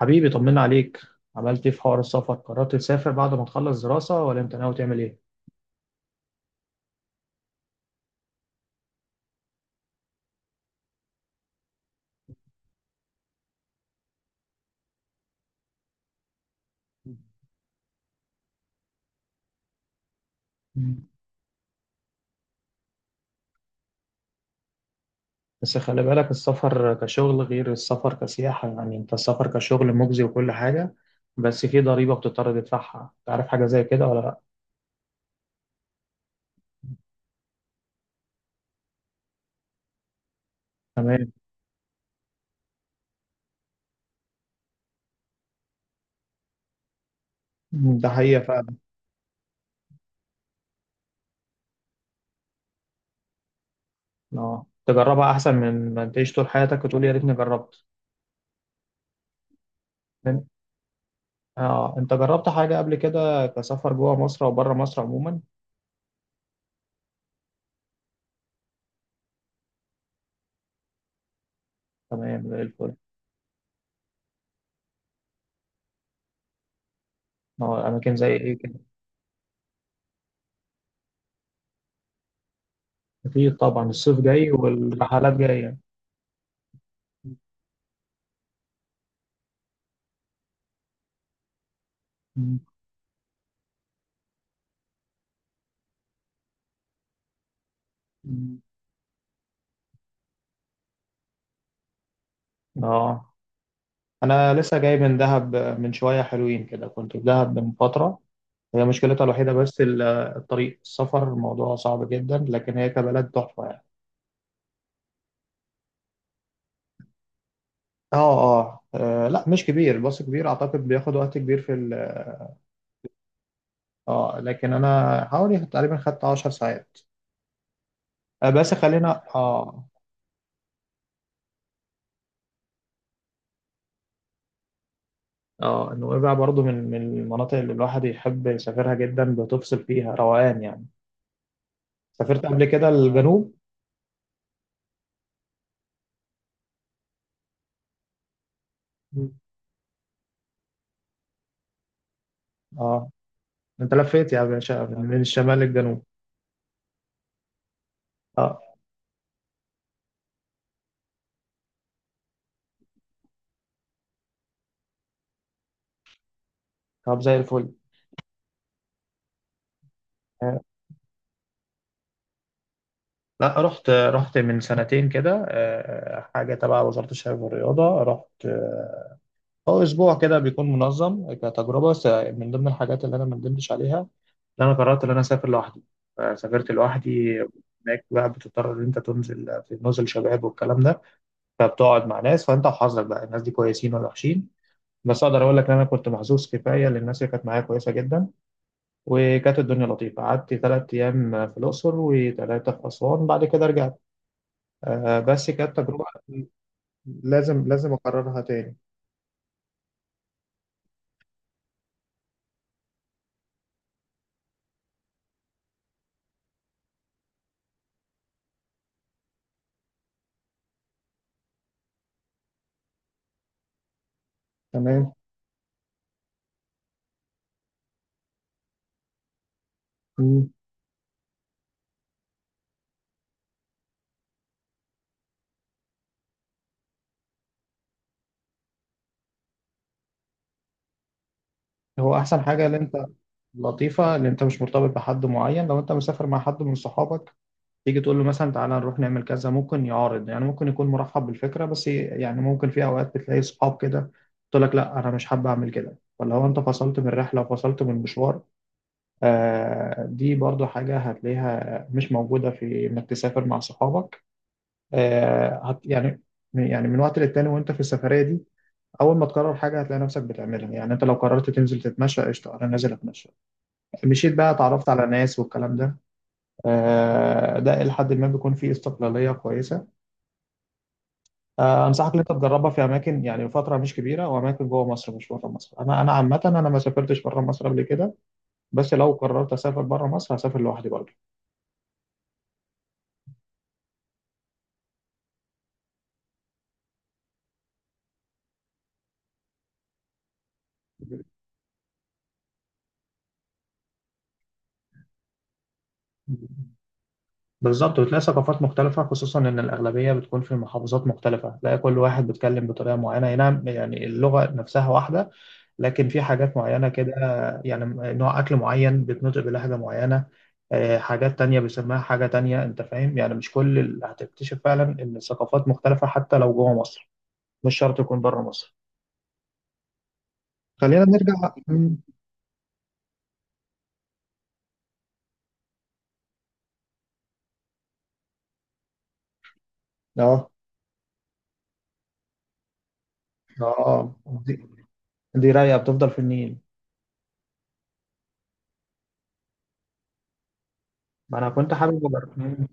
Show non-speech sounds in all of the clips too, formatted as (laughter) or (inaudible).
حبيبي طمنا عليك. عملت ايه في حوار السفر؟ قررت تسافر بعد ما تخلص دراسة ولا انت ناوي تعمل ايه؟ مم. بس خلي بالك، السفر كشغل غير السفر كسياحة. يعني انت السفر كشغل مجزي وكل حاجة، بس في ضريبة بتضطر تدفعها. تعرف حاجة زي كده ولا لا؟ تمام. مم، ده حقيقة فعلا. اه، تجربها احسن من ما تعيش طول حياتك وتقول يا ريتني جربت. فاهم؟ اه، انت جربت حاجة قبل كده كسفر جوه مصر او بره مصر عموما؟ تمام زي الفل. اه اماكن زي ايه؟ أكيد طبعا، الصيف جاي والرحلات جاية. مم. مم. اه، أنا لسه جاي من دهب من شوية، حلوين كده، كنت في دهب من فترة. هي مشكلتها الوحيدة بس الطريق، السفر الموضوع صعب جدا، لكن هي كبلد تحفة يعني. اه اه لا مش كبير، الباص كبير أعتقد بياخد وقت كبير في ال. اه لكن أنا حوالي تقريبا خدت 10 ساعات. بس خلينا اه. اه، نويبع برضو من المناطق اللي الواحد يحب يسافرها جدا، بتفصل فيها روقان يعني. سافرت قبل كده الجنوب؟ مم. اه، انت لفيت يا باشا من الشمال للجنوب. اه طب زي الفل. آه. لا رحت من سنتين كده، حاجه تبع وزاره الشباب والرياضه. رحت اه، هو اسبوع كده بيكون منظم كتجربه من ضمن الحاجات اللي انا ما ندمتش عليها، ان انا قررت ان انا اسافر لوحدي، فسافرت لوحدي. هناك بقى بتضطر ان انت تنزل في نزل شباب والكلام ده، فبتقعد مع ناس، فانت وحظك بقى، الناس دي كويسين ولا وحشين. بس اقدر اقول لك ان انا كنت محظوظ كفايه، لان الناس اللي كانت معايا كويسه جدا وكانت الدنيا لطيفه. قعدت ثلاث ايام في الاقصر وثلاثه في اسوان، بعد كده رجعت. آه بس كانت تجربه، لازم لازم اكررها تاني. تمام. مم. هو احسن حاجه ان انت، لطيفه ان انت مش مرتبط بحد معين. لو انت مسافر مع حد من صحابك، تيجي تقول له مثلا تعالى نروح نعمل كذا، ممكن يعارض، يعني ممكن يكون مرحب بالفكره، بس يعني ممكن في اوقات بتلاقي صحاب كده تقول لك لا انا مش حابب اعمل كده. فلو انت فصلت من الرحله وفصلت من المشوار، دي برضو حاجة هتلاقيها مش موجودة في إنك تسافر مع صحابك. آه، هت يعني يعني من وقت للتاني وأنت في السفرية دي، أول ما تقرر حاجة هتلاقي نفسك بتعملها. يعني أنت لو قررت تنزل تتمشى، قشطة أنا نازل أتمشى، مشيت بقى، اتعرفت على ناس والكلام ده. ده إلى حد ما بيكون فيه استقلالية كويسة. أنصحك إن أنت تجربها في أماكن، يعني فترة مش كبيرة وأماكن جوه مصر مش بره مصر. أنا أنا عامة أنا ما سافرتش بره مصر قبل كده، بس لو قررت أسافر بره مصر هسافر لوحدي. برضه بالظبط، وتلاقي ثقافات مختلفة، خصوصا إن الأغلبية بتكون في محافظات مختلفة، تلاقي كل واحد بيتكلم بطريقة معينة. أي نعم يعني اللغة نفسها واحدة، لكن في حاجات معينة كده، يعني نوع أكل معين بيتنطق بلهجة معينة. حاجات تانية بيسموها حاجة تانية. أنت فاهم، يعني مش كل اللي هتكتشف فعلا إن الثقافات مختلفة حتى لو جوه مصر، مش شرط يكون بره مصر. خلينا نرجع. مم. اه اه دي, دي رايقة بتفضل في النيل. ما أنا كنت حابب أجرب.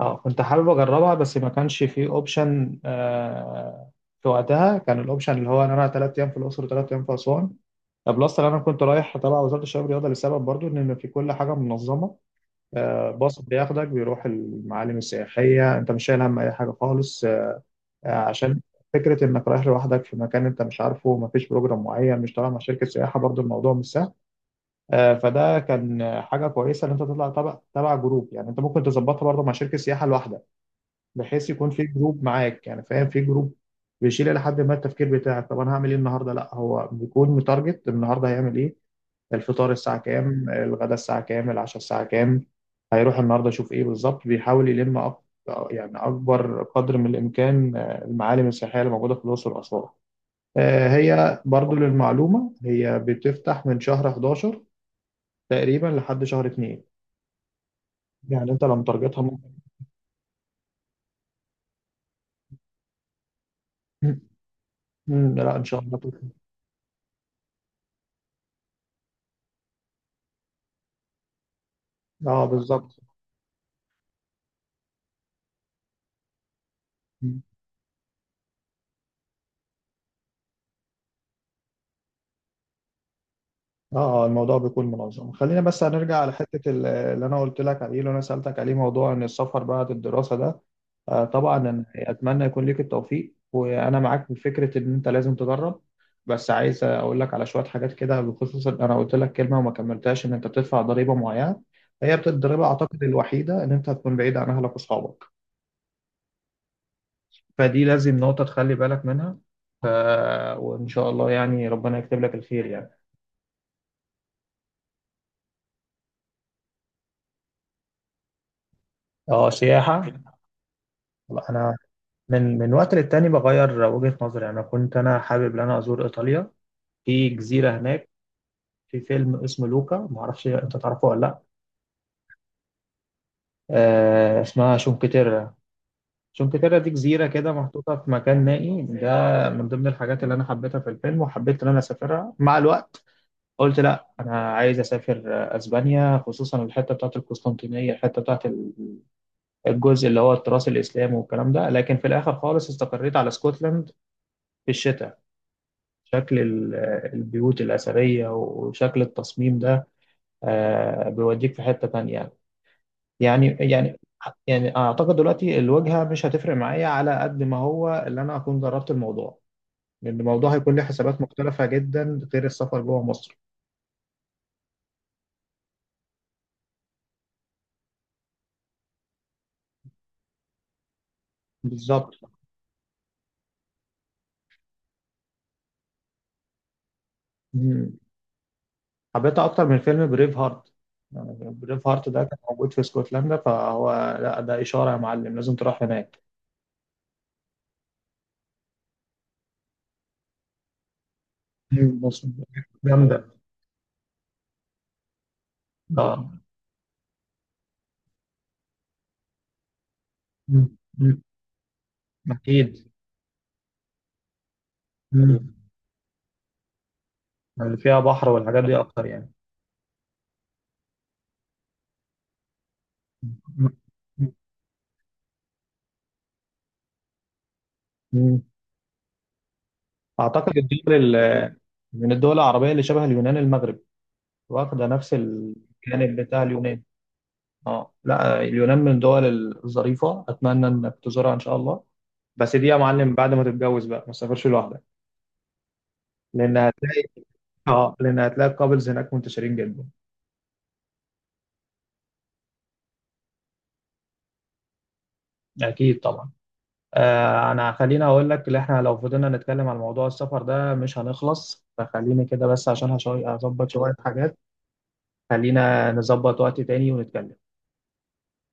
اه، كنت حابب اجربها بس ما كانش فيه اوبشن آه. في وقتها كان الاوبشن اللي هو ان انا ثلاث ايام في الاقصر وثلاث ايام في اسوان، بلس ان انا كنت رايح تبع وزاره الشباب والرياضه لسبب برضو ان في كل حاجه منظمه. آه باص بياخدك بيروح المعالم السياحيه، انت مش شايل هم اي حاجه خالص. آه عشان فكره انك رايح لوحدك في مكان انت مش عارفه، ما فيش بروجرام معين، مش طالع مع شركه سياحه، برضو الموضوع مش سهل. آه فده كان حاجه كويسه ان انت تطلع تبع جروب. يعني انت ممكن تظبطها برضو مع شركه سياحه لوحدك، بحيث يكون في جروب معاك. يعني فاهم، في جروب بيشيل لحد ما التفكير بتاعك، طب انا هعمل ايه النهارده، لا هو بيكون متارجت النهارده هيعمل ايه، الفطار الساعه كام، الغداء الساعه كام، العشاء الساعه كام، هيروح النهارده يشوف ايه بالظبط. بيحاول يلم يعني اكبر قدر من الامكان المعالم السياحيه اللي موجوده في الاقصر واسوان. هي برضو للمعلومه هي بتفتح من شهر 11 تقريبا لحد شهر 2. يعني انت لو متارجتها ممكن. (clears throat) لا ان شاء الله تفتح. اه بالظبط. اه، الموضوع بيكون منظم. خلينا بس هنرجع على حتة اللي انا قلت لك عليه، اللي انا سألتك عليه، موضوع ان السفر بعد الدراسة ده. طبعا أنا اتمنى يكون ليك التوفيق، وانا معاك في فكرة ان انت لازم تدرب. بس عايز اقول لك على شوية حاجات كده، بخصوص إن انا قلت لك كلمة وما كملتهاش ان انت بتدفع ضريبة معينة. هي الضريبة اعتقد الوحيدة ان انت هتكون بعيد عن اهلك واصحابك، فدي لازم نقطة تخلي بالك منها. ف... وان شاء الله يعني ربنا يكتب لك الخير يعني. اه سياحة. انا من وقت للتاني بغير وجهة نظري. يعني انا كنت، انا حابب ان انا ازور ايطاليا، في جزيرة هناك، في فيلم اسمه لوكا، معرفش انت تعرفه ولا لا. آه اسمها شونكتيرا. شونكتيرا دي جزيرة كده محطوطة في مكان نائي، ده من ضمن الحاجات اللي انا حبيتها في الفيلم وحبيت ان انا اسافرها مع الوقت. قلت لا، انا عايز اسافر اسبانيا، خصوصا الحتة بتاعت القسطنطينية، الحتة بتاعت الجزء اللي هو التراث الاسلامي والكلام ده. لكن في الاخر خالص استقريت على اسكتلند في الشتاء. شكل البيوت الأثرية وشكل التصميم ده بيوديك في حتة تانية. يعني يعني يعني أعتقد دلوقتي الواجهة مش هتفرق معايا على قد ما هو اللي أنا أكون جربت الموضوع، لأن الموضوع هيكون له حسابات مختلفة جدا غير السفر جوه مصر. بالظبط. مم. حبيتها أكتر من فيلم بريف هارت. يعني بريف هارت ده كان موجود في اسكتلندا، فهو لا ده إشارة يا معلم لازم تروح هناك. مم. مصر جامدة. اه. مم. مم. أكيد. مم. اللي فيها بحر والحاجات دي اكتر يعني. مم. أعتقد الدول من الدول العربية اللي شبه اليونان المغرب، واخدة نفس الجانب بتاع اليونان. اه لا، اليونان من الدول الظريفة. أتمنى إنك تزورها إن شاء الله، بس دي يا معلم بعد ما تتجوز بقى ما تسافرش لوحدك. لأن هتلاقي اه، لأن هتلاقي الكابلز هناك منتشرين جدا. اكيد طبعا. آه انا خليني اقول لك، اللي احنا لو فضلنا نتكلم عن موضوع السفر ده مش هنخلص، فخليني كده بس عشان هظبط شوية حاجات. خلينا نظبط وقت تاني ونتكلم